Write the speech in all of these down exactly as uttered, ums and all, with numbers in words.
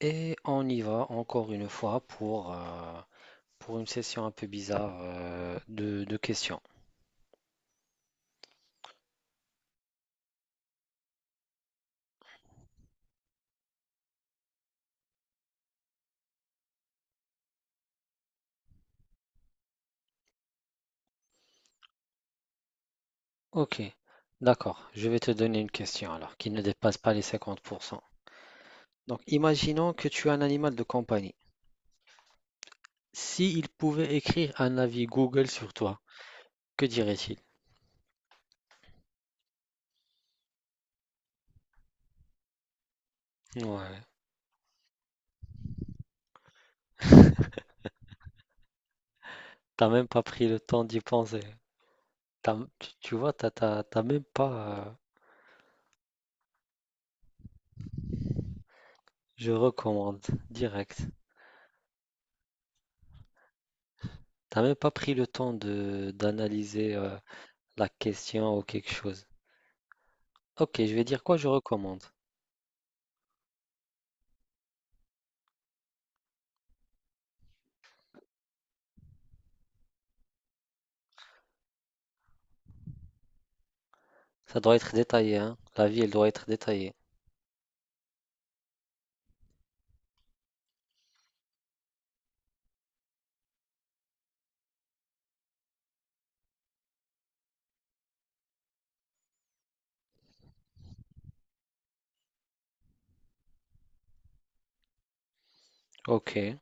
Et on y va encore une fois pour, euh, pour une session un peu bizarre euh, de, de questions. Ok, d'accord. Je vais te donner une question alors qui ne dépasse pas les cinquante pour cent. Donc, imaginons que tu es un animal de compagnie. S'il pouvait écrire un avis Google sur toi, que dirait-il? Ouais, t'as même pas pris le temps d'y penser. T'as- tu, tu vois, t'as, t'as- t'as même pas. Euh, je recommande direct. T'as même pas pris le temps de d'analyser euh, la question ou quelque chose. Ok, je vais dire quoi je recommande. Ça doit être détaillé, hein. La vie, elle doit être détaillée. Ok. Elle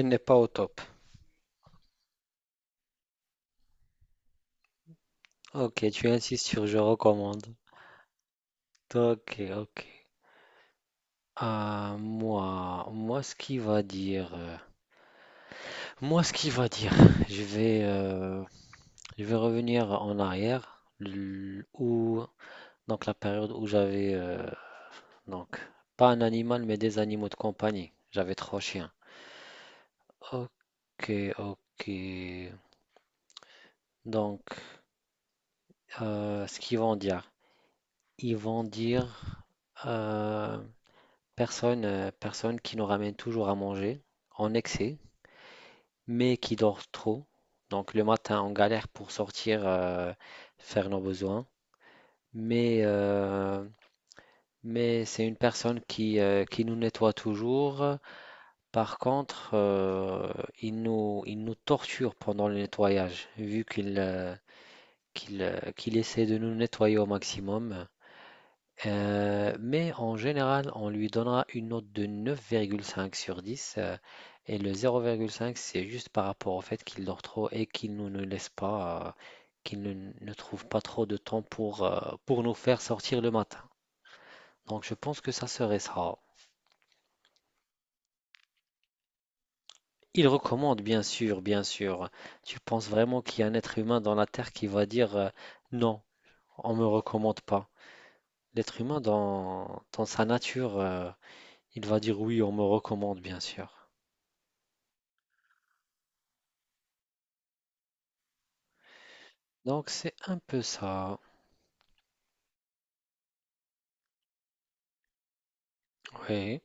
n'est pas au top. Ok, tu insistes sur je recommande. Ok, ok. Ah, moi, moi, ce qui va dire, euh, moi, ce qui va dire, je vais, euh, je vais revenir en arrière, l- où, donc la période où j'avais, euh, donc, pas un animal, mais des animaux de compagnie. J'avais trois chiens. Ok, ok. Donc, Euh, ce qu'ils vont dire. Ils vont dire euh, personne, euh, personne qui nous ramène toujours à manger en excès, mais qui dort trop. Donc le matin, on galère pour sortir, euh, faire nos besoins. Mais, euh, mais c'est une personne qui, euh, qui nous nettoie toujours. Par contre, euh, il nous, il nous torture pendant le nettoyage, vu qu'il euh, qu'il, euh, qu'il essaie de nous nettoyer au maximum. Heu, mais en général, on lui donnera une note de neuf virgule cinq sur dix, heu, et le zéro virgule cinq, c'est juste par rapport au fait qu'il dort trop et qu'il ne nous ne laisse pas, heu, qu'il ne ne trouve pas trop de temps pour, heu, pour nous faire sortir le matin. Donc je pense que ça serait ça. Il recommande bien sûr, bien sûr. Tu penses vraiment qu'il y a un être humain dans la terre qui va dire, heu: «Non, on me recommande pas». L'être humain dans dans sa nature, heu, il va dire: «Oui, on me recommande», bien sûr. Donc c'est un peu ça. Oui,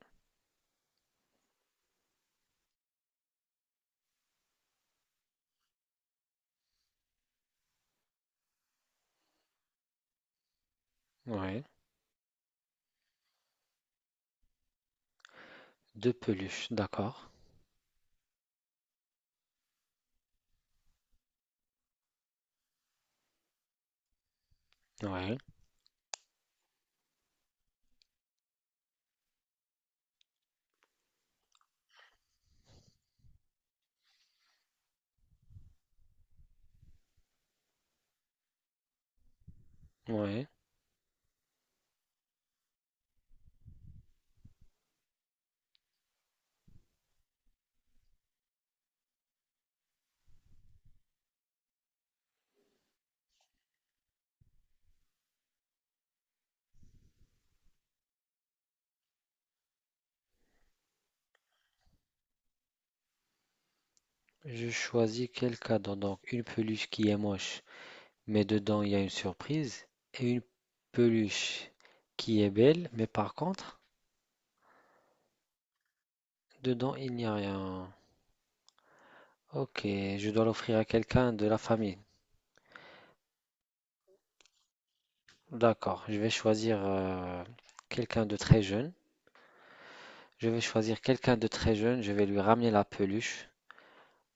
oui. Deux peluches, d'accord. Oui, oui. Je choisis quel cadeau? Donc une peluche qui est moche, mais dedans il y a une surprise, et une peluche qui est belle, mais par contre, dedans il n'y a rien. Ok, je dois l'offrir à quelqu'un de la famille. D'accord, je vais choisir euh, quelqu'un de très jeune. Je vais choisir quelqu'un de très jeune, je vais lui ramener la peluche.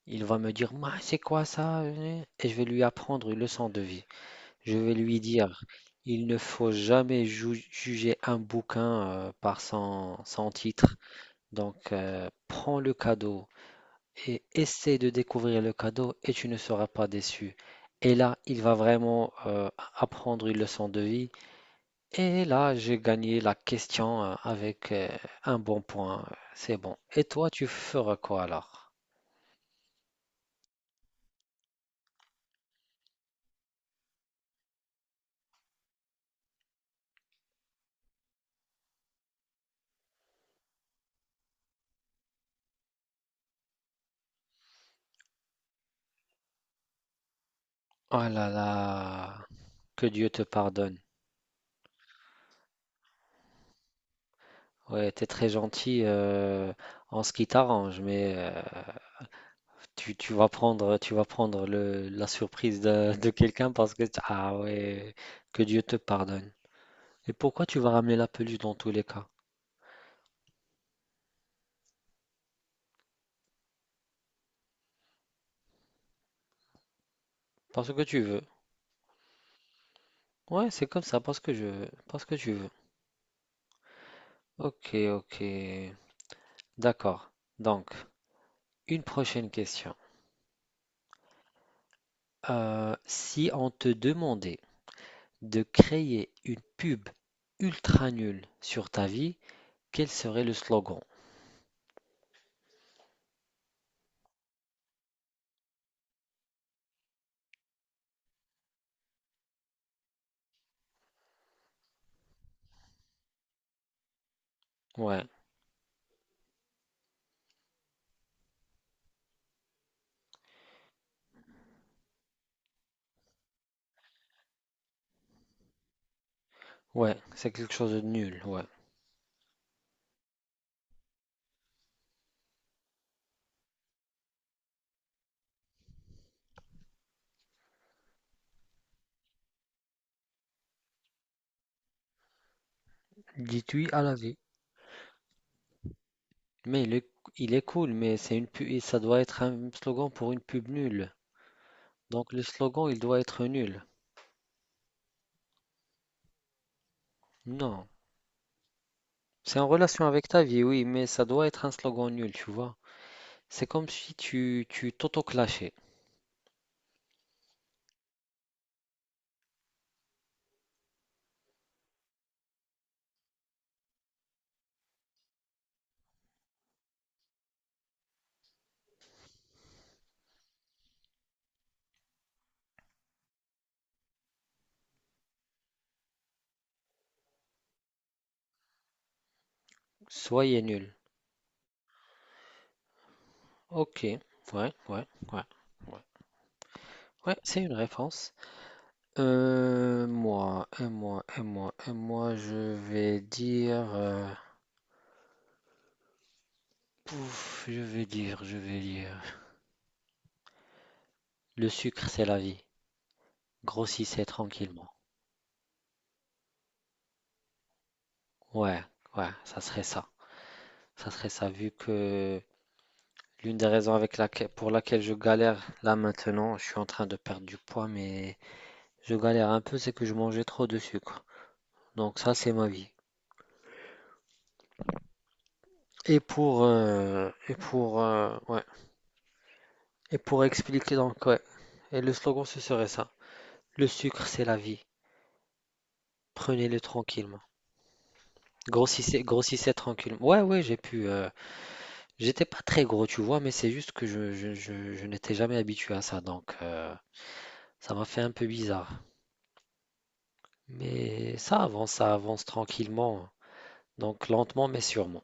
Il va me dire: «Ma, c'est quoi ça?» euh?» et je vais lui apprendre une leçon de vie. Je vais lui dire: «Il ne faut jamais ju- juger un bouquin euh, par son, son titre. Donc, euh, prends le cadeau et essaie de découvrir le cadeau et tu ne seras pas déçu.» Et là, il va vraiment euh, apprendre une leçon de vie. Et là, j'ai gagné la question euh, avec euh, un bon point. C'est bon. Et toi, tu feras quoi alors? Oh là là. Que Dieu te pardonne. Ouais, t'es très gentil euh, en ce qui t'arrange, mais euh, tu, tu vas prendre, tu vas prendre le, la surprise de, de quelqu'un parce que, ah ouais, que Dieu te pardonne. Et pourquoi tu vas ramener la peluche dans tous les cas? Parce que tu veux. Ouais, c'est comme ça, parce que je veux, parce que tu veux. Ok, ok. D'accord. Donc, une prochaine question. Euh, si on te demandait de créer une pub ultra nulle sur ta vie, quel serait le slogan? Ouais, ouais, c'est quelque chose de nul, ouais. Détruis à la vie. Mais il est, il est cool, mais c'est une pub, ça doit être un slogan pour une pub nulle. Donc le slogan, il doit être nul. Non. C'est en relation avec ta vie, oui, mais ça doit être un slogan nul, tu vois. C'est comme si tu, tu t'auto-clashais. Soyez nul. Ok. Ouais, ouais, ouais, ouais. Ouais, c'est une réponse. Euh, moi, et moi, et moi, et moi, je vais dire... euh, Pouf, je vais dire, je vais dire. Le sucre, c'est la vie. Grossissez tranquillement. Ouais, ouais, ça serait ça. Ça serait ça, vu que l'une des raisons avec laquelle, pour laquelle je galère là maintenant, je suis en train de perdre du poids, mais je galère un peu, c'est que je mangeais trop de sucre. Donc ça, c'est ma vie. Et pour, euh, et pour, euh, ouais. Et pour expliquer donc, ouais. Et le slogan, ce serait ça. Le sucre, c'est la vie. Prenez-le tranquillement. Grossissez, grossissez tranquillement. Ouais, ouais, j'ai pu, euh, J'étais pas très gros, tu vois, mais c'est juste que je, je- je- je n'étais jamais habitué à ça, donc euh, ça m'a fait un peu bizarre. Mais ça avance, ça avance tranquillement, donc lentement mais sûrement.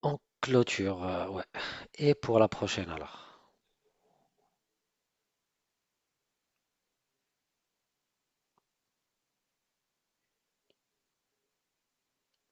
En clôture, euh, ouais. Et pour la prochaine alors.